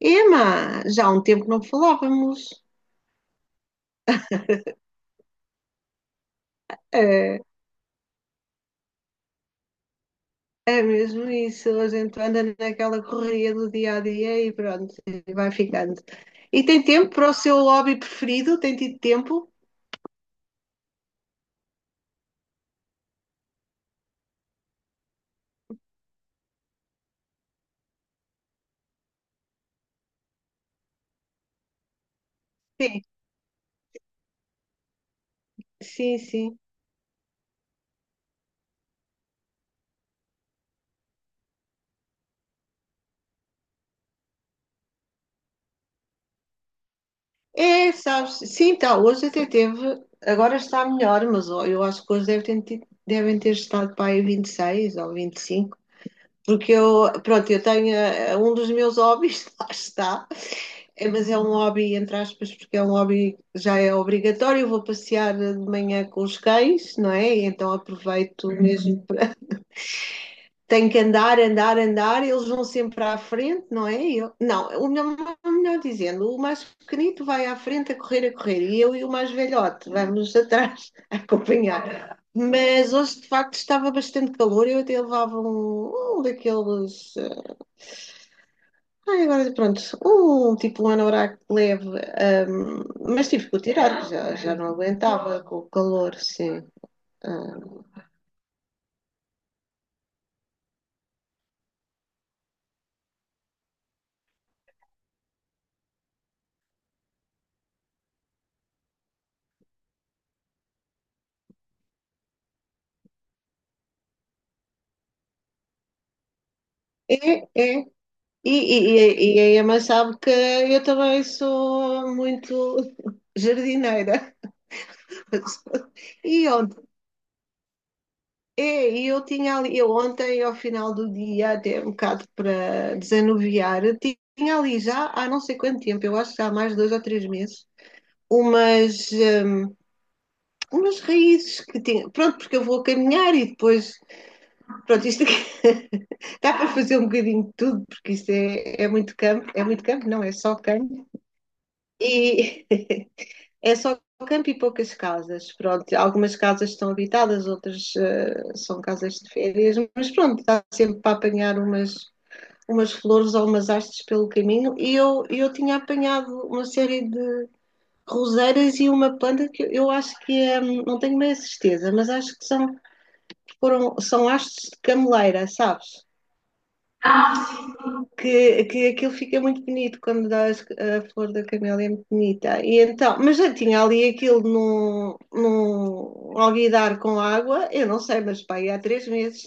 Ema, já há um tempo que não falávamos. É, é mesmo isso, a gente anda naquela correria do dia a dia e pronto, e vai ficando. E tem tempo para o seu hobby preferido? Tem tido tempo? Sim, sim, sim. É, sabes, sim, tá, hoje até teve, agora está melhor, mas ó, eu acho que hoje deve ter tido- devem ter estado para aí 26 ou 25, porque eu, pronto, eu tenho, um dos meus hobbies, lá está. É, mas é um hobby, entre aspas, porque é um hobby que já é obrigatório. Eu vou passear de manhã com os cães, não é? Então aproveito mesmo Tenho que andar, andar, andar. Eles vão sempre à frente, não é? Não, melhor dizendo, o mais pequenito vai à frente a correr, a correr. E eu e o mais velhote vamos atrás a acompanhar. Mas hoje, de facto, estava bastante calor. Eu até levava um daqueles. Ai, agora pronto, um tipo um anorak leve, ahm, mas tive que o tirar, que já não aguentava com o calor, sim. Ah, é, é. E, e, e a Emma sabe que eu também sou muito jardineira. E ontem, é, eu ontem, ao final do dia, até um bocado para desanuviar, tinha ali já há não sei quanto tempo, eu acho que já há mais de 2 ou 3 meses, umas. umas raízes que tinha. Pronto, porque eu vou caminhar e depois. Pronto, isto aqui dá para fazer um bocadinho de tudo, porque é muito campo. É muito campo, não, é só campo. E é só campo e poucas casas. Pronto, algumas casas estão habitadas, outras são casas de férias, mas pronto, dá sempre para apanhar umas. Umas flores ou umas hastes pelo caminho, e eu tinha apanhado uma série de roseiras e uma planta que eu acho que é, não tenho bem a certeza, mas acho que são hastes de cameleira, sabes? Que aquilo fica muito bonito quando a flor da camélia é muito bonita. E então, mas já tinha ali aquilo num alguidar com água, eu não sei, mas pá, há 3 meses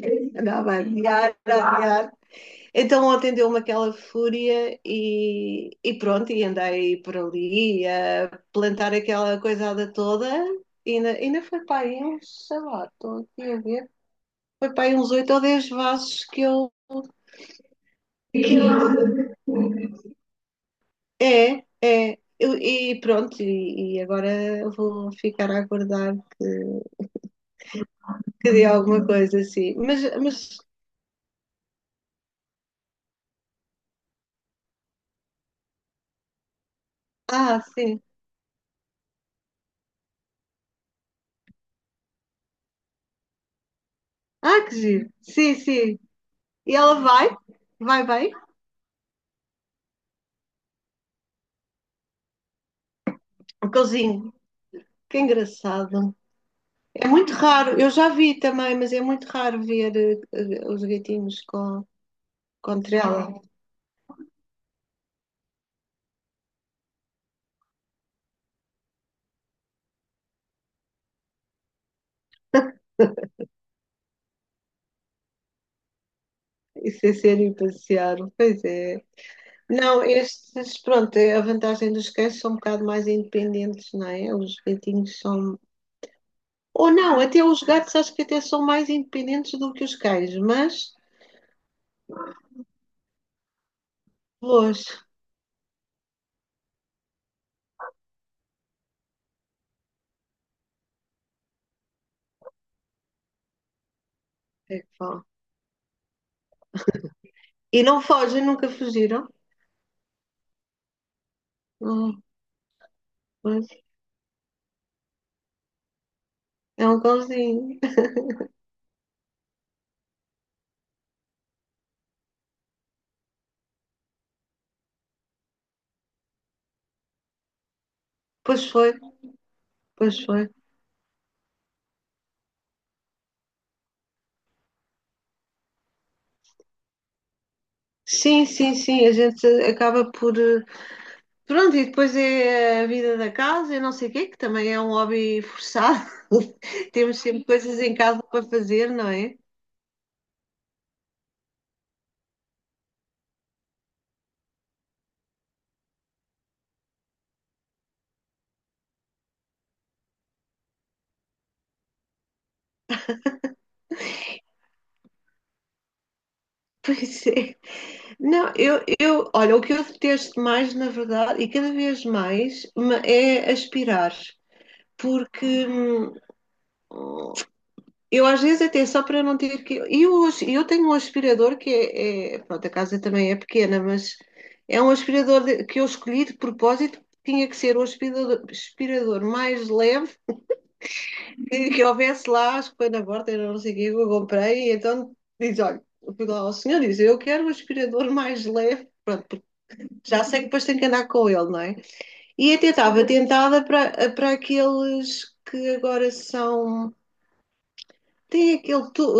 andava a adiar, a adiar. Então ontem deu-me aquela fúria e pronto, e andei por ali a plantar aquela coisada toda e ainda foi para aí uns, sei lá, estou aqui a ver, foi para aí uns 8 ou 10 vasos que eu É, é. E pronto, e agora vou ficar a aguardar que dê alguma coisa assim. Ah, sim. Ah, que giro. Sim, sim. E ela vai? Vai bem? O cãozinho. Que engraçado. É muito raro. Eu já vi também, mas é muito raro ver os gatinhos com trela e sem serem passear. Pois é. Não, estes, pronto, é a vantagem dos cães são um bocado mais independentes, não é? Os gatinhos são. Ou não, até os gatos acho que até são mais independentes do que os cães, mas longe. É que vão. E não fogem, nunca fugiram. Não, pois, é um cãozinho. Pois foi, pois foi. Sim, sim, sim, a gente acaba por. Pronto, e depois é a vida da casa e não sei o quê, que também é um hobby forçado. Temos sempre coisas em casa para fazer, não é? Pois é. Não, olha, o que eu detesto mais, na verdade, e cada vez mais, é aspirar, porque eu às vezes até só para não ter que. E eu, eu tenho um aspirador que pronto, a casa também é pequena, mas é um aspirador que eu escolhi de propósito, tinha que ser o aspirador, aspirador mais leve que, que houvesse lá, acho que foi na porta, eu não sei o que, eu comprei, e então diz: olha, eu fui lá ao senhor e diz: eu quero o aspirador mais leve. Pronto. Já sei que depois tenho que andar com ele, não é? E até estava tentada para aqueles que agora são. Tem aquele tubo,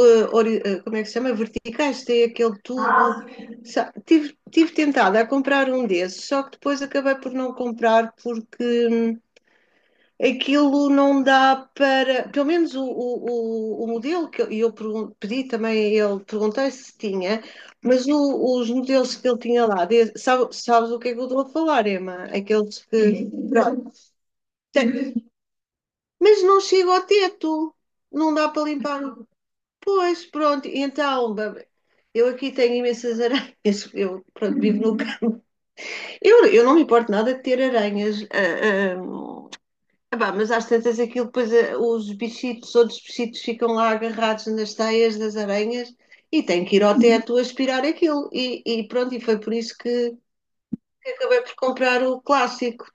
como é que se chama? Verticais, tem aquele tubo. Ah, tive tentada a comprar um desses, só que depois acabei por não comprar porque aquilo não dá para. Pelo menos o modelo que eu pedi também, ele perguntei se tinha, mas os modelos que ele tinha lá, sabes o que é que eu estou a falar, Emma? Aqueles que. Pronto, tem- mas não chega ao teto, não dá para limpar. Pois, pronto, então. Eu aqui tenho imensas aranhas, eu pronto, vivo no. Eu não me importo nada de ter aranhas. Epá, mas às tantas aquilo depois os bichitos, outros bichitos ficam lá agarrados nas teias das aranhas e tem que ir ao teto aspirar aquilo. E pronto, e foi por isso que acabei por comprar o clássico.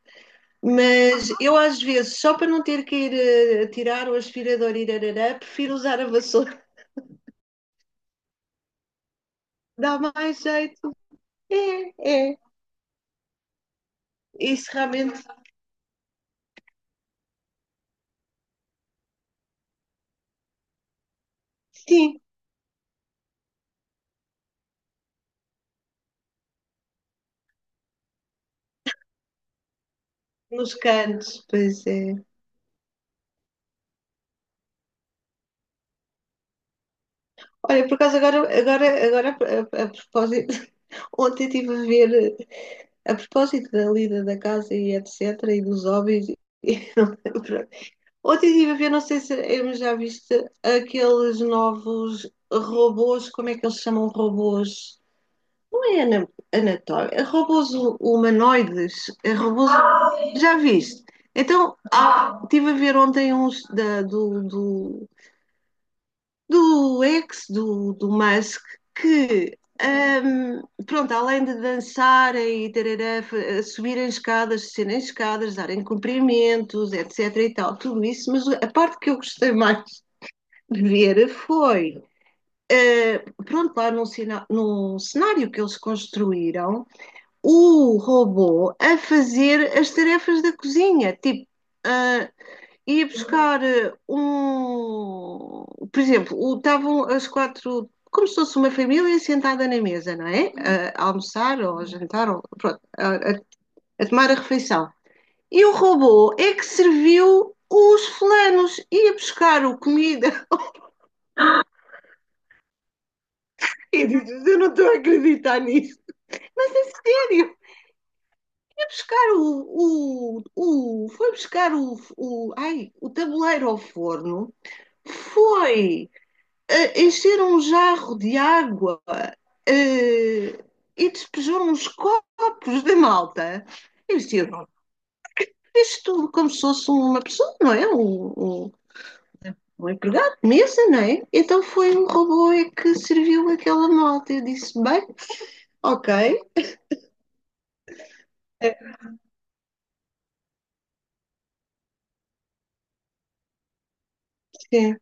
Mas eu às vezes, só para não ter que ir tirar o aspirador e irarará, prefiro usar a vassoura. Dá mais jeito. É, é. Isso realmente, sim. Nos cantos, pois é. Olha, por acaso agora a propósito, ontem estive a ver eh, a propósito da lida da casa e etc. e dos hobbies. e não- pronto. Ontem estive a ver, não sei se já viste, aqueles novos robôs, como é que eles chamam robôs? Não é anatómico, é robôs humanoides, é robôs, já viste? Então, estive a ver ontem uns do do Musk, que, pronto, além de dançarem e tarará, subirem escadas, descerem escadas, darem cumprimentos, etc. e tal, tudo isso, mas a parte que eu gostei mais de ver foi. eh, pronto, lá num cenário que eles construíram, o robô a fazer as tarefas da cozinha, tipo, ah, ia buscar um. Por exemplo, estavam as quatro, como se fosse uma família sentada na mesa, não é? A almoçar ou a jantar, ou, pronto, a tomar a refeição. E o robô é que serviu os fulanos, ia buscar o comida. Eu disse, "Eu não estou a acreditar nisso. Mas é sério, ia buscar o foi buscar ai, o tabuleiro ao forno, foi encheram um jarro de água eh, e despejaram uns copos de malta. Eu disse, eu tudo como se fosse uma pessoa, não é? Um, um empregado de mesa, não é? Então foi um robô é que serviu aquela malta. Eu disse, bem, ok, eh, sim,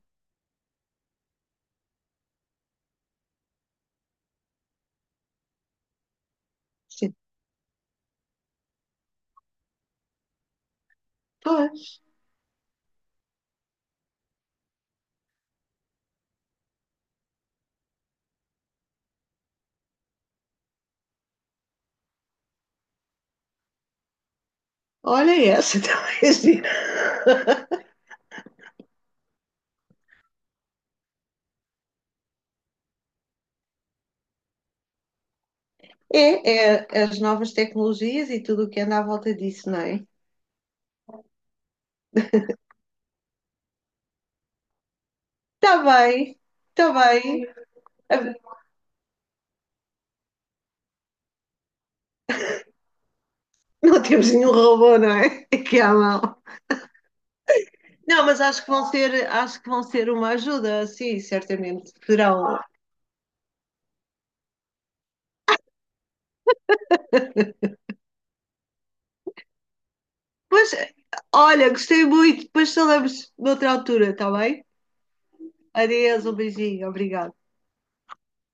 sim. Pois, olha essa, talvez. É, é as novas tecnologias e tudo o que anda à volta disso, não é? Está bem, está bem. Não temos nenhum robô, não é? Aqui à mão. Não, mas acho que vão ser uma ajuda, sim, certamente. Terão. Pois, olha, gostei muito. Depois falamos noutra altura, está bem? Adeus, um beijinho, obrigada.